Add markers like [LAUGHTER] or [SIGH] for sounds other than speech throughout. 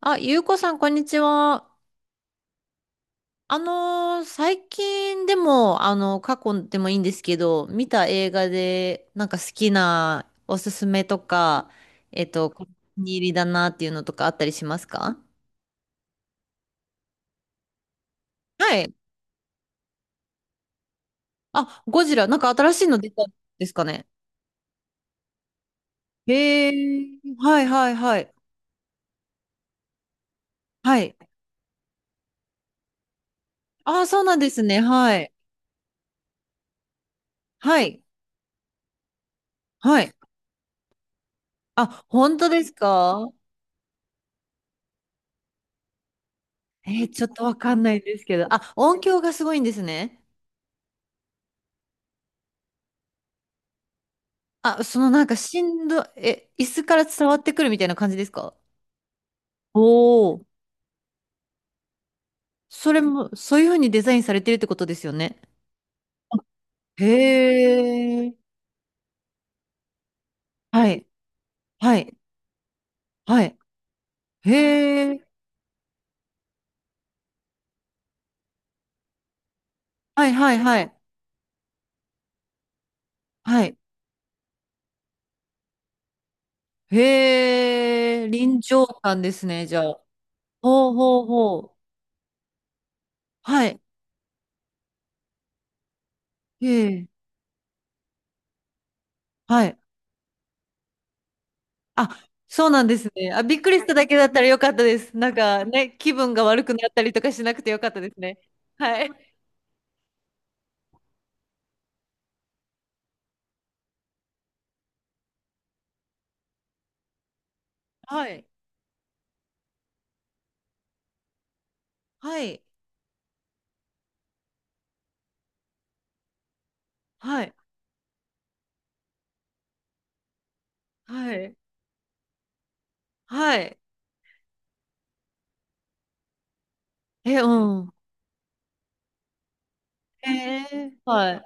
あ、ゆうこさん、こんにちは。最近でも、過去でもいいんですけど、見た映画で、なんか好きなおすすめとか、お気に入りだなっていうのとかあったりしますか？はい。あ、ゴジラ、なんか新しいの出たんですかね。へえ、はいはいはい。はい。あ、そうなんですね。はい。はい。はい。あ、本当ですか？ちょっとわかんないですけど。あ、音響がすごいんですね。あ、そのなんかしんど、え、椅子から伝わってくるみたいな感じですか？おお。それも、そういうふうにデザインされてるってことですよね。へえ。はい。はい。はい。へえ。はいはいはい。はい。へえ。臨場感ですね、じゃあ。ほうほうほう。はい。へえ。はい。あ、そうなんですね。あ、びっくりしただけだったらよかったです。なんかね、気分が悪くなったりとかしなくてよかったですね。はい。はい。はい。はい。はい。はい。え、うん、え。はい。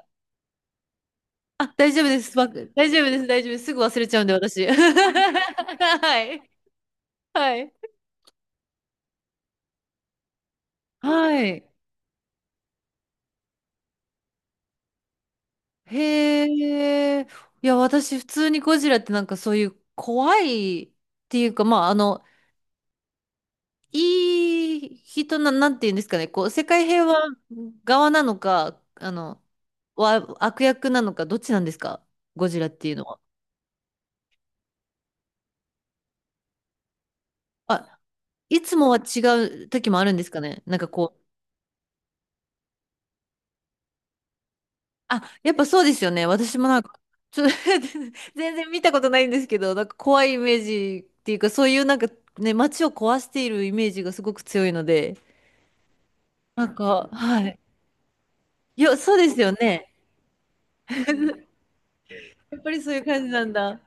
あ、大丈夫です。大丈夫です。大丈夫です。すぐ忘れちゃうんで、私。[LAUGHS] はい。はい。はい。へえ。いや、私、普通にゴジラってなんかそういう怖いっていうか、まあ、いい人な、なんていうんですかね、こう、世界平和側なのか、悪役なのか、どっちなんですか、ゴジラっていうのは。あ、いつもは違う時もあるんですかね。なんかこう、あ、やっぱそうですよね。私もなんか、ちょ、[LAUGHS] 全然見たことないんですけど、なんか怖いイメージっていうか、そういうなんかね、街を壊しているイメージがすごく強いので、なんか、はい。いや、そうですよね。やっぱりそういう感じなんだ。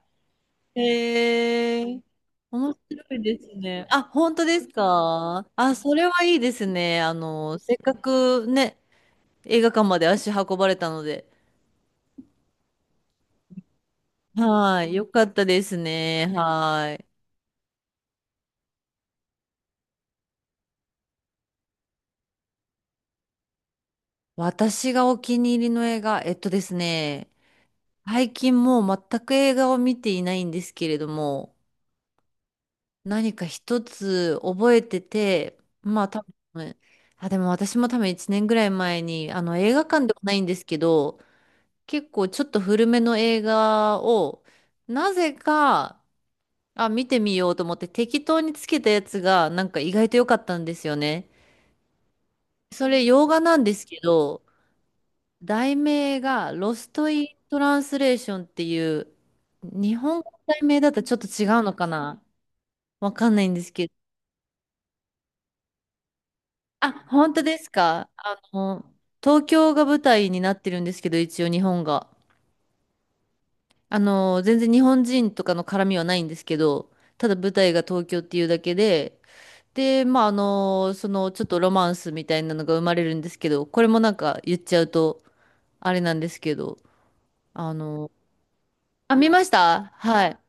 へえ、面白いですね。あ、本当ですか？あ、それはいいですね。せっかくね、映画館まで足運ばれたので。はい。よかったですね。はい。私がお気に入りの映画、えっとですね、最近もう全く映画を見ていないんですけれども、何か一つ覚えてて、まあ多分、あ、でも私も多分1年ぐらい前に、あの映画館ではないんですけど、結構ちょっと古めの映画を、なぜか、あ、見てみようと思って適当につけたやつが、なんか意外と良かったんですよね。それ洋画なんですけど、題名がロスト・イン・トランスレーションっていう、日本語の題名だとちょっと違うのかな。わかんないんですけど。あ、本当ですか？東京が舞台になってるんですけど、一応日本が。あの、全然日本人とかの絡みはないんですけど、ただ舞台が東京っていうだけで、で、まあ、ちょっとロマンスみたいなのが生まれるんですけど、これもなんか言っちゃうと、あれなんですけど、あの、あ、見ました。はい。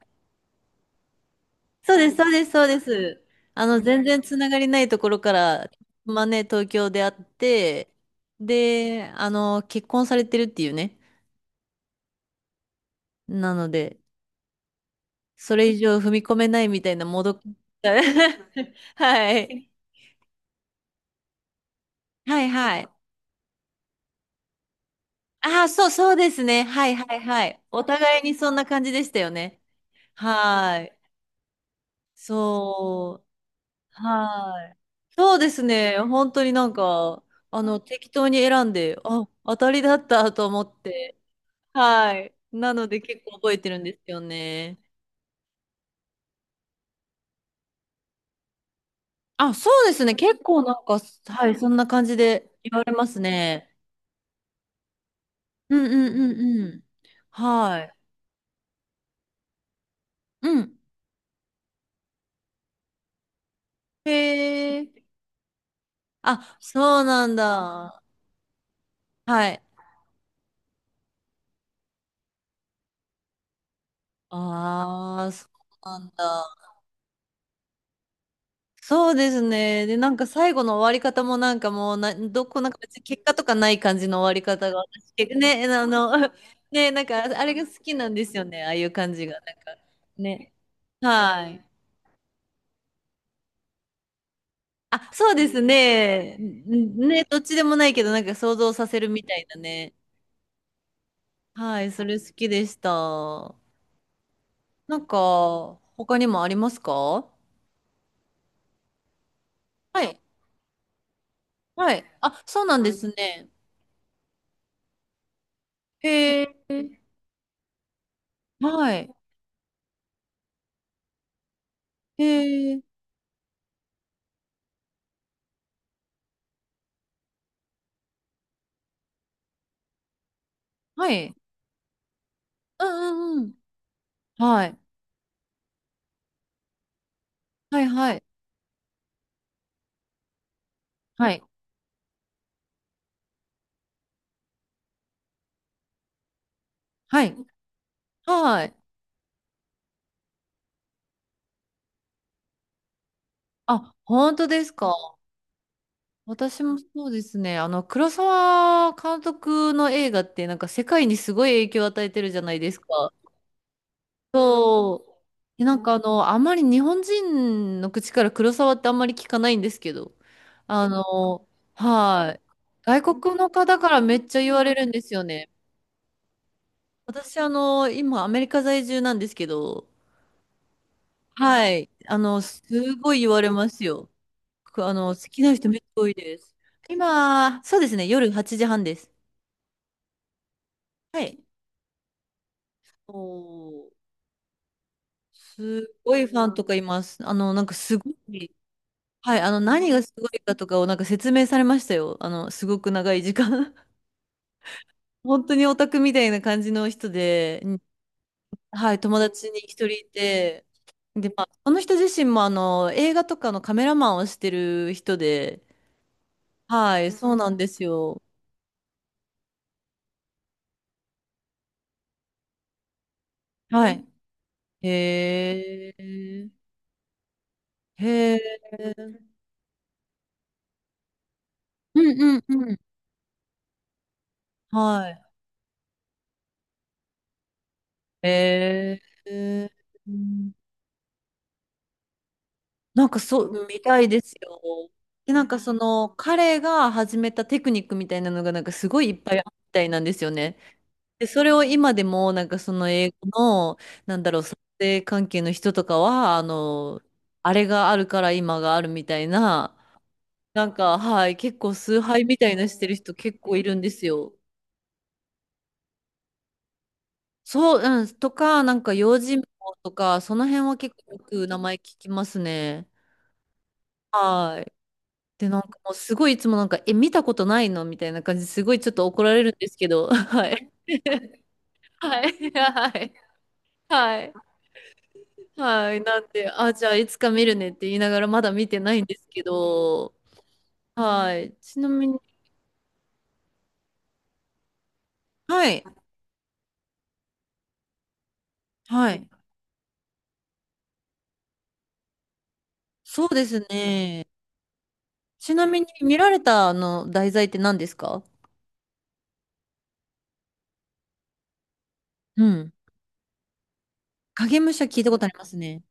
そうです、そうです、そうです。全然つながりないところから、まあね、東京で会って、で、結婚されてるっていうね。なので、それ以上踏み込めないみたいなもどかしさ、[LAUGHS] はい。はいはい。ああ、そう、そうですね。はいはいはい。お互いにそんな感じでしたよね。はい。そう。はい。そうですね。本当になんか、適当に選んで、あ、当たりだったと思って。はい。なので結構覚えてるんですよね。あ、そうですね。結構なんか、はい、そんな感じで言われますね。うんうんうんうん。はい。うん。へえ。あ、そうなんだ。はい。ああ、そうなんだ。そうですね。で、なんか最後の終わり方もなんかもうどこ、なんか別に結果とかない感じの終わり方が、私、結構 [LAUGHS] ね、[LAUGHS] ね、なんかあれが好きなんですよね。ああいう感じが。なんか、ね。はい。あ、そうですね。ね、どっちでもないけど、なんか想像させるみたいなね。はい、それ好きでした。なんか、他にもありますか？はい。はい。あ、そうなんですね。へえ、はい。へえ、はい。うんうんうん。はい。はいはい。はい。はい。はい。あ、本当ですか。私もそうですね。黒沢監督の映画ってなんか世界にすごい影響を与えてるじゃないですか。そう。で、なんかあまり日本人の口から黒沢ってあんまり聞かないんですけど、あの、はい。外国の方からめっちゃ言われるんですよね。私今アメリカ在住なんですけど、はい。すごい言われますよ。くあの、好きな人めっちゃ多いです。今、そうですね、夜8時半です。はい。おー、すごいファンとかいます。なんかすごい、はい、何がすごいかとかをなんか説明されましたよ。すごく長い時間。[LAUGHS] 本当にオタクみたいな感じの人で、うん。はい、友達に一人いて、で、まあ、この人自身も映画とかのカメラマンをしてる人で、はい、そうなんですよ。はい。へえ、へえ。うんうんうん。はい。ー、うん。なんかそう、みたいですよ。で、なんかその、彼が始めたテクニックみたいなのが、なんかすごいいっぱいあったみたいなんですよね。で、それを今でも、なんかその英語の、なんだろう、撮影関係の人とかは、あれがあるから今があるみたいな、なんか、はい、結構崇拝みたいなしてる人結構いるんですよ。そう、うん、とか、なんか用心棒とか、その辺は結構よく名前聞きますね。はい。で、なんかもうすごいいつもなんか、え、見たことないのみたいな感じですごいちょっと怒られるんですけど、[LAUGHS] はい。はい。はい。はい。はい。なんで、あ、じゃあいつか見るねって言いながらまだ見てないんですけど、はい。ちなみに、はい。はい。そうですね。ちなみに見られたあの題材って何ですか？うん。影武者聞いたことありますね。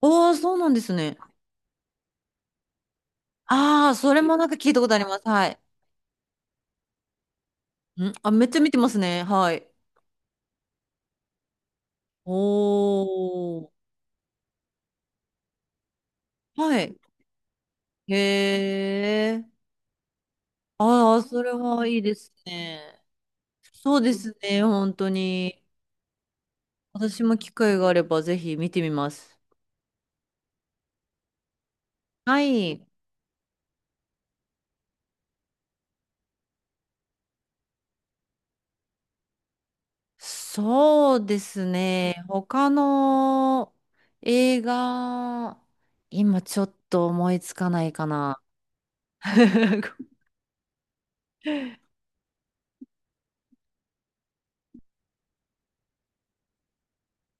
おー、そうなんですね。ああ、それもなんか聞いたことあります。はい。あ、めっちゃ見てますね。はい。おー。はい。へえ。ああ、それはいいですね。そうですね、本当に。私も機会があればぜひ見てみます。はい。そうですね。他の映画、今ちょっと思いつかないかな。[LAUGHS]